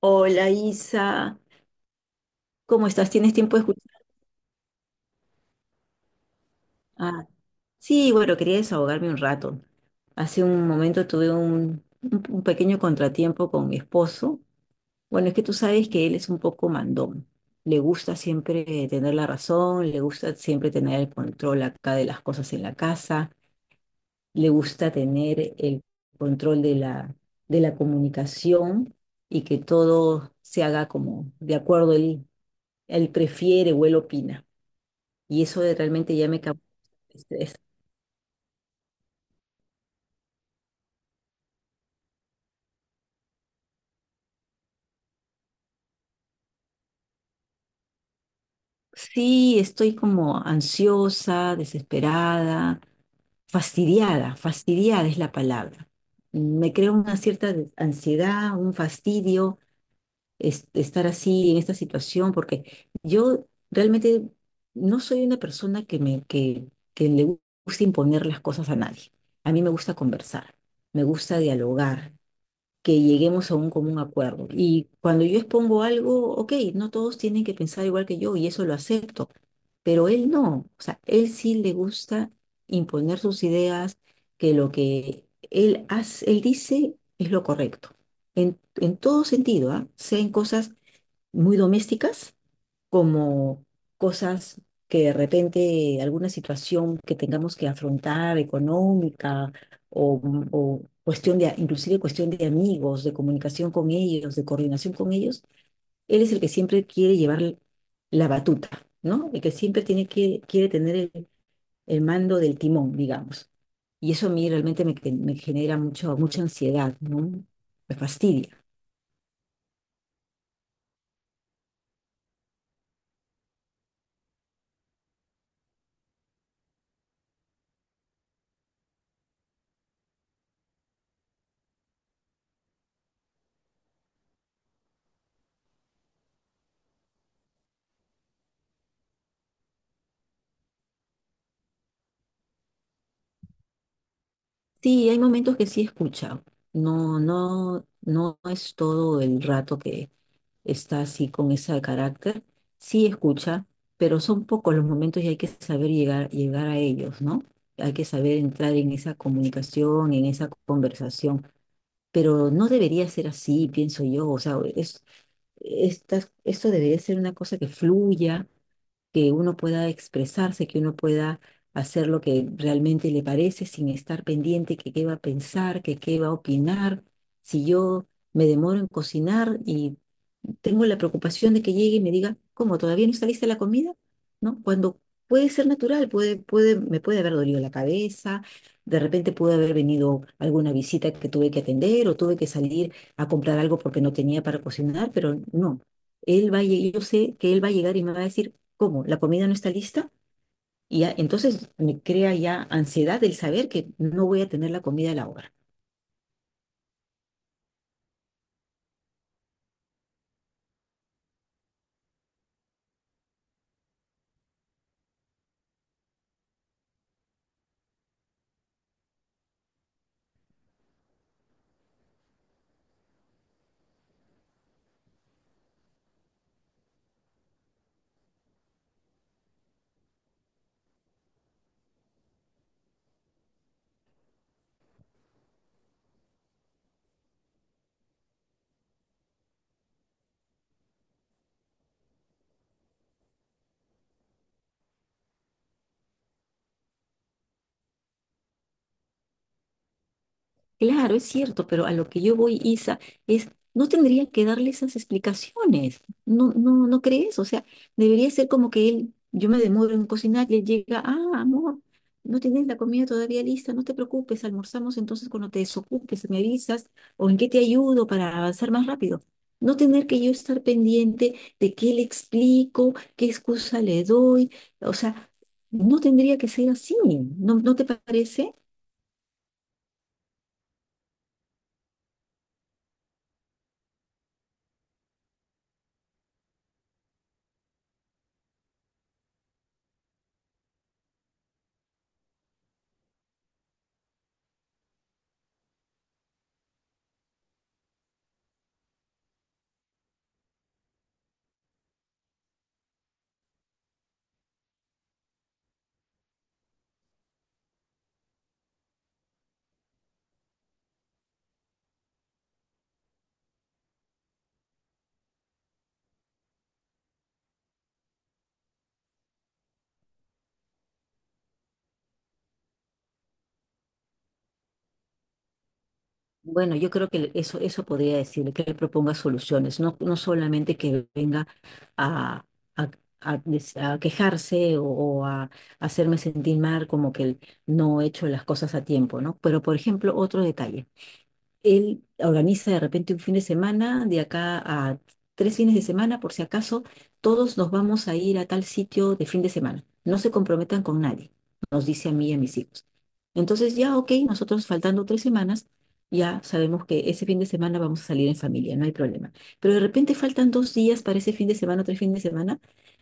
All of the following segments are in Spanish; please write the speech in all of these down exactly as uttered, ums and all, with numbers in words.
Hola Isa, ¿cómo estás? ¿Tienes tiempo de escuchar? Ah, sí, bueno, quería desahogarme un rato. Hace un momento tuve un, un- un pequeño contratiempo con mi esposo. Bueno, es que tú sabes que él es un poco mandón. Le gusta siempre tener la razón, le gusta siempre tener el control acá de las cosas en la casa, le gusta tener el control de la, de la comunicación y que todo se haga como de acuerdo él, él prefiere o él opina. Y eso de- realmente ya me causó estrés. Sí, estoy como ansiosa, desesperada, fastidiada, fastidiada es la palabra. Me creo una cierta des- ansiedad, un fastidio es- estar así en esta situación, porque yo realmente no soy una persona que, me, que, que le gusta imponer las cosas a nadie. A mí me gusta conversar, me gusta dialogar, que lleguemos a un común acuerdo. Y cuando yo expongo algo, ok, no todos tienen que pensar igual que yo y eso lo acepto, pero él no, o sea, él sí le gusta imponer sus ideas, que lo que él hace, él dice es lo correcto, en, en todo sentido, ¿ah? Sea en cosas muy domésticas como cosas que de repente alguna situación que tengamos que afrontar económica o, o cuestión de, inclusive cuestión de amigos, de comunicación con ellos, de coordinación con ellos, él es el que siempre quiere llevar la batuta, ¿no? El que siempre tiene que, quiere tener el, el mando del timón, digamos. Y eso a mí realmente me, me genera mucho, mucha ansiedad, ¿no? Me fastidia. Sí, hay momentos que sí escucha. No, no, no es todo el rato que está así con ese carácter. Sí escucha, pero son pocos los momentos y hay que saber llegar, llegar a ellos, ¿no? Hay que saber entrar en esa comunicación, en esa conversación. Pero no debería ser así, pienso yo. O sea, es, estas- esto debería ser una cosa que fluya, que uno pueda expresarse, que uno pueda hacer lo que realmente le parece sin estar pendiente que qué va a pensar, que qué va a opinar. Si yo me demoro en cocinar y tengo la preocupación de que llegue y me diga, ¿cómo? ¿Todavía no está lista la comida? ¿No? Cuando puede ser natural, puede, puede, me puede haber dolido la cabeza, de repente puede haber venido alguna visita que tuve que atender o tuve que salir a comprar algo porque no tenía para cocinar, pero no. Él va a, lle- yo sé que él va a llegar y me va a decir, ¿cómo? ¿La comida no está lista? Y ya, entonces me crea ya ansiedad el saber que no voy a tener la comida a la hora. Claro, es cierto, pero a lo que yo voy, Isa, es, no tendría que darle esas explicaciones. No, no, ¿no crees? O sea, debería ser como que él, yo me demoro en cocinar y él llega, ah, amor, no tienes la comida todavía lista, no te preocupes, almorzamos entonces cuando te desocupes, me avisas, o en qué te ayudo para avanzar más rápido. No tener que yo estar pendiente de qué le explico, qué excusa le doy, o sea, no tendría que ser así, ¿no, no te parece? Bueno, yo creo que eso, eso podría decirle, que le proponga soluciones, no, no solamente que venga a, a- a des- a quejarse o, o a hacerme sentir mal como que no he hecho las cosas a tiempo, ¿no? Pero, por ejemplo, otro detalle. Él organiza de repente un fin de semana, de acá a tres fines de semana, por si acaso, todos nos vamos a ir a tal sitio de fin de semana. No se comprometan con nadie, nos dice a mí y a mis hijos. Entonces ya, ok, nosotros faltando tres semanas, ya sabemos que ese fin de semana vamos a salir en familia, no hay problema. Pero de repente faltan dos días para ese fin de semana o tres fines de semana,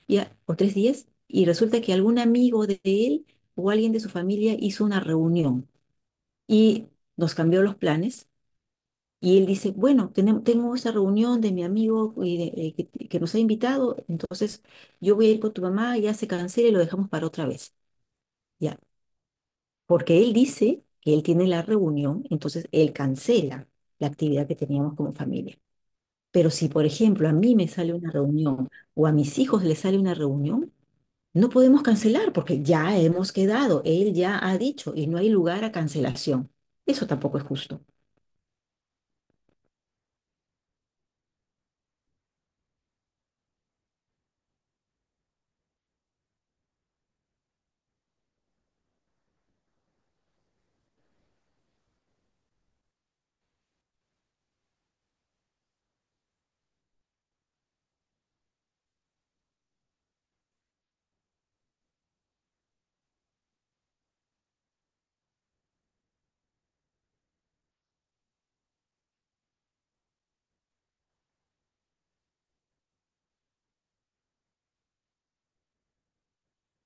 ya, o tres días, y resulta que algún amigo de él o alguien de su familia hizo una reunión y nos cambió los planes y él dice, bueno, tenem- tengo esa reunión de mi amigo y de- eh, que, que nos ha invitado, entonces yo voy a ir con tu mamá, ya se cancela y lo dejamos para otra vez. Ya, porque él dice que él tiene la reunión, entonces él cancela la actividad que teníamos como familia. Pero si, por ejemplo, a mí me sale una reunión o a mis hijos les sale una reunión, no podemos cancelar porque ya hemos quedado, él ya ha dicho y no hay lugar a cancelación. Eso tampoco es justo.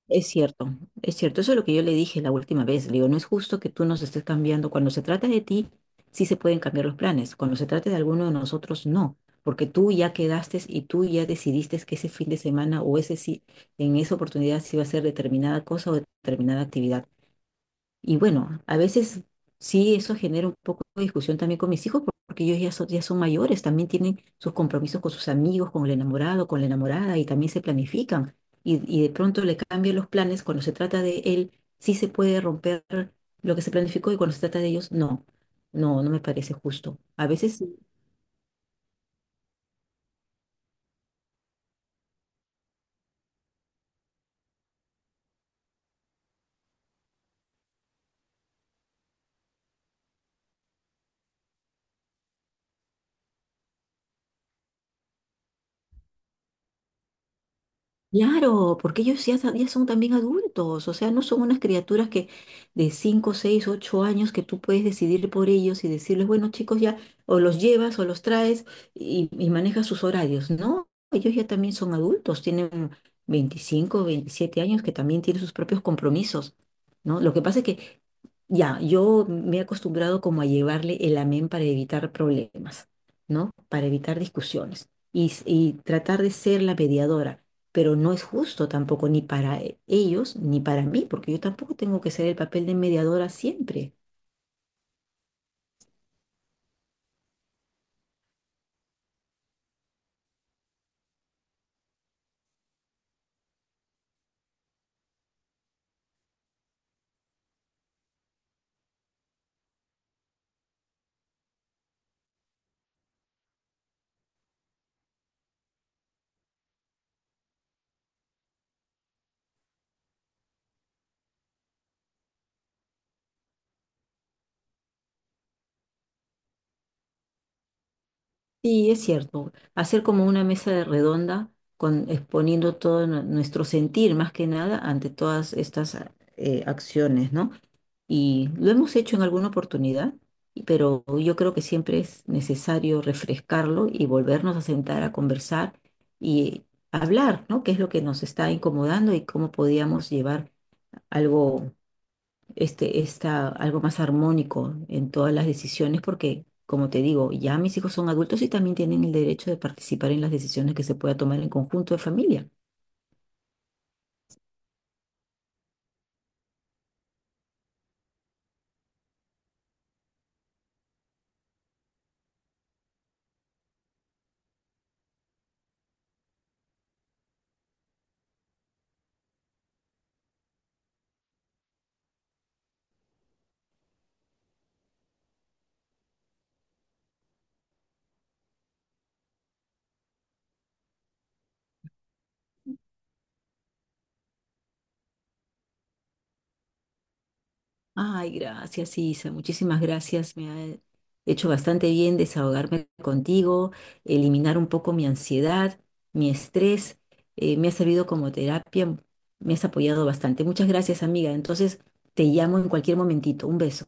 Es cierto, es cierto. Eso es lo que yo le dije la última vez. Le digo, no es justo que tú nos estés cambiando. Cuando se trata de ti, sí se pueden cambiar los planes. Cuando se trata de alguno de nosotros, no. Porque tú ya quedaste y tú ya decidiste que ese fin de semana o ese sí, en esa oportunidad sí va a ser determinada cosa o determinada actividad. Y bueno, a veces sí eso genera un poco de discusión también con mis hijos, por- porque ellos ya son, ya son mayores, también tienen sus compromisos con sus amigos, con el enamorado, con la enamorada, y también se planifican. Y, y de pronto le cambian los planes cuando se trata de él, sí se puede romper lo que se planificó y cuando se trata de ellos, no. No, no me parece justo. A veces claro, porque ellos ya, sa- ya son también adultos, o sea, no son unas criaturas que de cinco, seis, ocho años que tú puedes decidir por ellos y decirles, bueno, chicos, ya o los llevas o los traes y, y manejas sus horarios. No, ellos ya también son adultos, tienen veinticinco, veintisiete años que también tienen sus propios compromisos, ¿no? Lo que pasa es que ya, yo me he acostumbrado como a llevarle el amén para evitar problemas, ¿no? Para evitar discusiones y, s- y tratar de ser la mediadora pero no es justo tampoco ni para e- ellos ni para mí, porque yo tampoco tengo que ser el papel de mediadora siempre. Sí, es cierto, hacer como una mesa de redonda con, exponiendo todo nu- nuestro sentir más que nada ante todas estas ah, eh, acciones, ¿no? Y lo hemos hecho en alguna oportunidad, y- pero yo creo que siempre es necesario refrescarlo y volvernos a sentar a conversar y hablar, ¿no? ¿Qué es lo que nos está incomodando y cómo podíamos llevar algo este, está algo más armónico en todas las decisiones, porque, como te digo, ya mis hijos son adultos y también tienen el derecho de participar en las decisiones que se pueda tomar en conjunto de familia. Ay, gracias, Isa, muchísimas gracias. Me ha hecho bastante bien desahogarme contigo, eliminar un poco mi ansiedad, mi estrés. Eh, me ha servido como terapia, me has apoyado bastante. Muchas gracias, amiga. Entonces, te llamo en cualquier momentito. Un beso.